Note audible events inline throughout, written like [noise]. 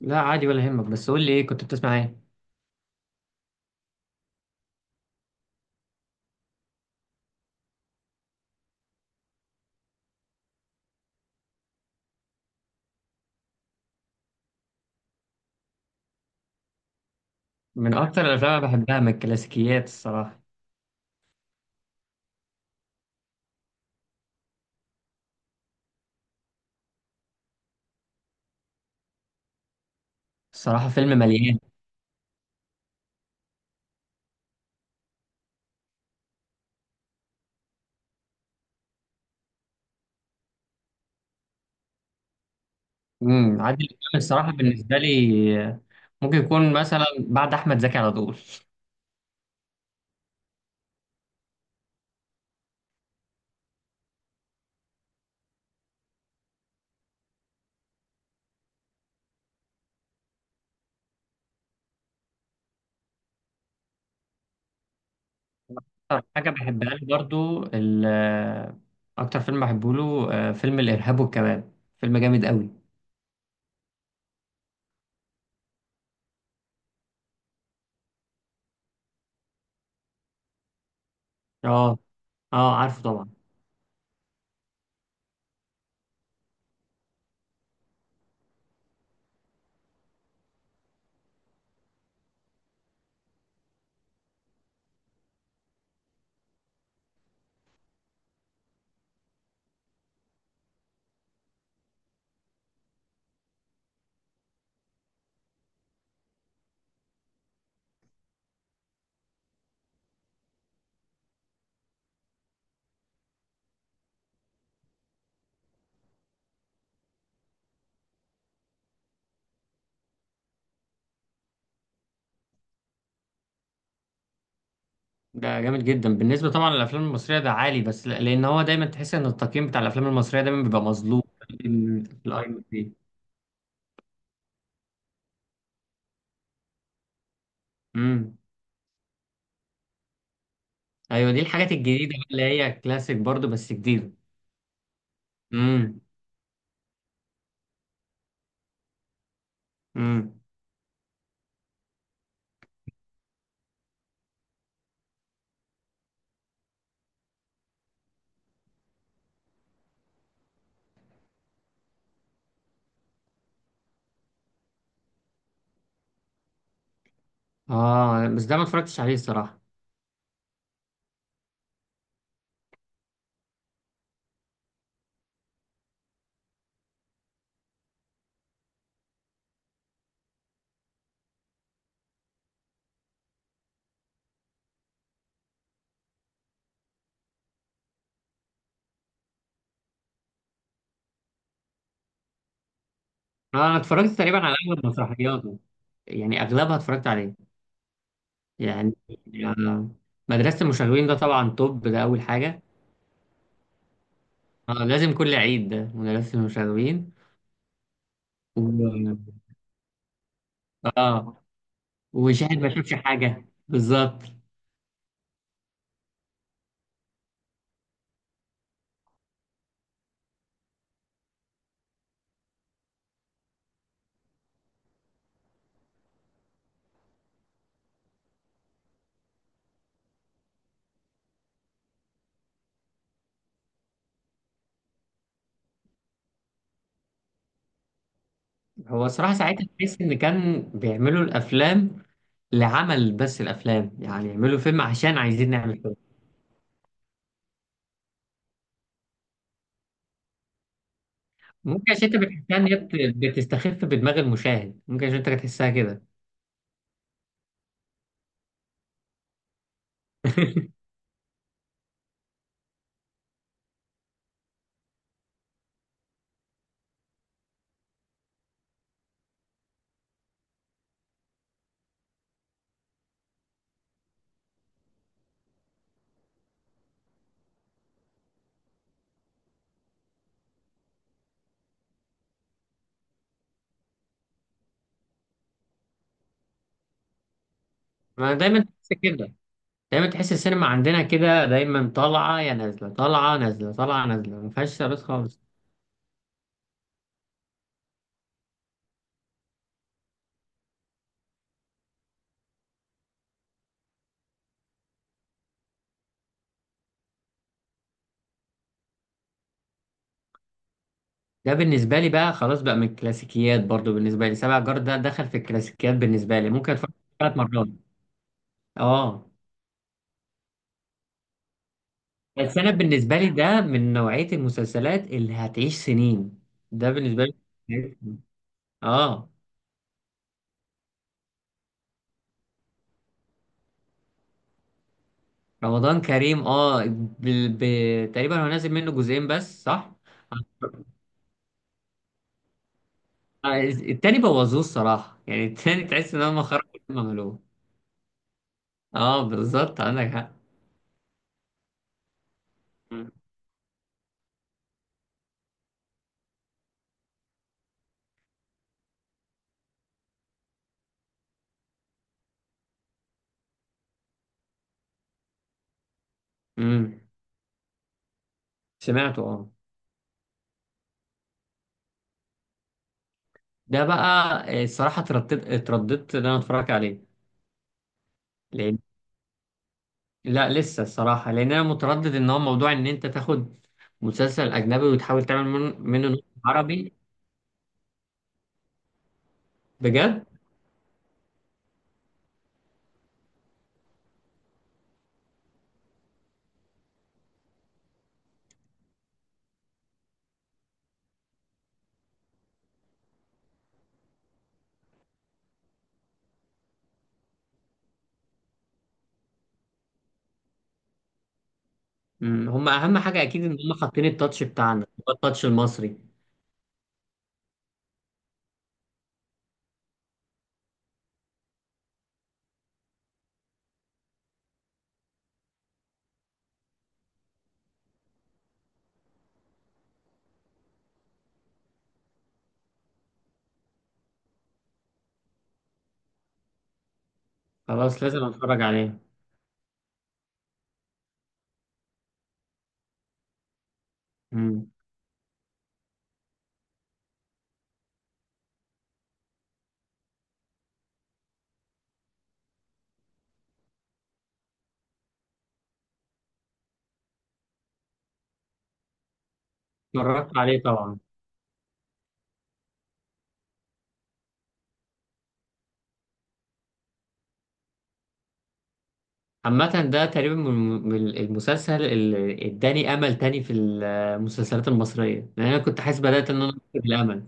لا عادي ولا يهمك، بس قول لي ايه كنت بتسمع ايه؟ من اكتر الافلام اللي بحبها من الكلاسيكيات الصراحه. الصراحه فيلم مليان. عادل امام الصراحه بالنسبه لي ممكن يكون مثلا بعد احمد زكي على طول. أكتر حاجه بحبها له برضو اكتر فيلم بحبه له فيلم الارهاب والكباب. فيلم جامد قوي. اه اه، عارفه طبعا. ده جامد جدا بالنسبه طبعا للافلام المصريه، ده عالي، بس لان هو دايما تحس ان التقييم بتاع الافلام المصريه دايما بيبقى مظلوم في الأي ام دي بي. امم. ايوه، دي الحاجات الجديده بقى اللي هي كلاسيك برضو بس جديده. امم امم. اه، بس ده ما اتفرجتش عليه الصراحه. انا اتفرجت تقريبا على اغلب مسرحياته، يعني اغلبها اتفرجت عليه. يعني آه، مدرسه المشاغبين ده طبعا توب، ده اول حاجه. آه، لازم كل عيد ده مدرسه المشاغبين. و... اه. وشاهد ما شافش حاجه بالظبط. هو الصراحه ساعتها تحس ان كان بيعملوا الافلام لعمل بس الافلام، يعني يعملوا فيلم عشان عايزين نعمل فيلم. ممكن عشان انت بتحسها ان هي بتستخف بدماغ المشاهد، ممكن عشان انت بتحسها كده. [laughs] ما دايما تحس كده، دايما تحس السينما عندنا كده دايما طالعه يا نازله، طالعه نازله، طالعه نازله، ما فيهاش ثبات خالص. ده بالنسبه لي بقى خلاص بقى من الكلاسيكيات، برضو بالنسبه لي سبع جار ده دخل في الكلاسيكيات، بالنسبه لي ممكن اتفرج ثلاث مرات. اه، بس انا بالنسبه لي ده من نوعيه المسلسلات اللي هتعيش سنين. ده بالنسبه لي اه. رمضان كريم، اه، تقريبا هو نازل منه جزئين بس صح؟ التاني بوظوه الصراحة، يعني التاني تحس ان هم خرجوا اللي هم عملوه. اه بالظبط، عندك حق. امم. سمعته اه. ده بقى الصراحة اترددت ان انا اتفرج عليه. لان لا لسه الصراحة، لان انا متردد ان هو موضوع ان انت تاخد مسلسل اجنبي وتحاول تعمل منه نص عربي. بجد. مم. هم اهم حاجة، اكيد ان هم حاطين التاتش بتاعنا هو التاتش المصري. خلاص لازم اتفرج عليه. مم. اتفرجت عليه طبعا. عامة ده تقريبا من المسلسل اللي اداني امل تاني في المسلسلات المصرية، لان انا كنت حاسس بدأت ان انا أفقد الامل.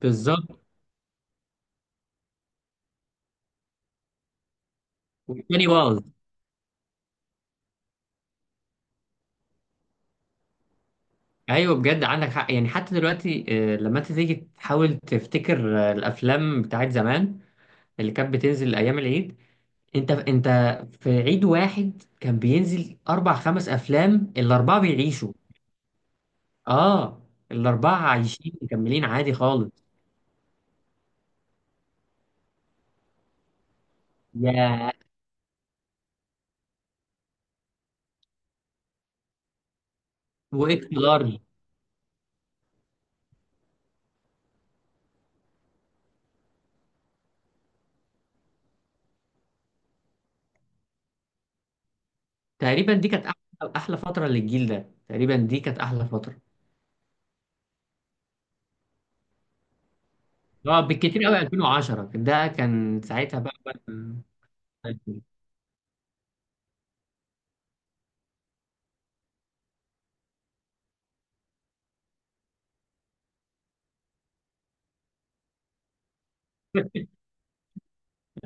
بالظبط، والتاني باظ. ايوه، بجد عندك حق يعني حتى دلوقتي. لما انت تيجي تحاول تفتكر الافلام بتاعت زمان اللي كانت بتنزل ايام العيد. انت في عيد واحد كان بينزل اربع خمس افلام، الاربعة بيعيشوا. اه، الاربعة عايشين مكملين عادي خالص. يا واكس لارج. تقريبا دي كانت احلى احلى فتره للجيل ده، تقريبا دي كانت احلى فتره. اه بالكتير قوي، 2010 ده كان ساعتها بقى كان- [laughs]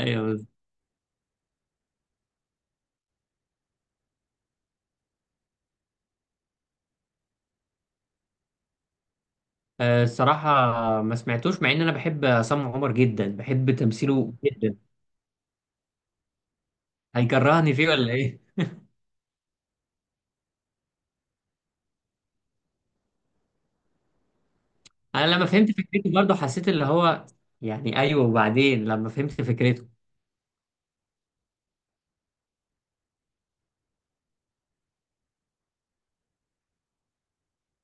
ايوه بالظبط. الصراحه ما سمعتوش مع ان انا بحب عصام عمر جدا، بحب تمثيله جدا. هيكرهني فيه ولا ايه؟ انا لما فهمت فكرته برضه حسيت اللي هو، يعني ايوه وبعدين لما فهمت فكرته.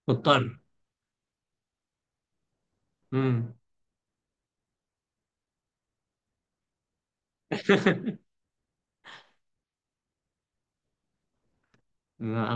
مضطر. امم. [laughs] [laughs]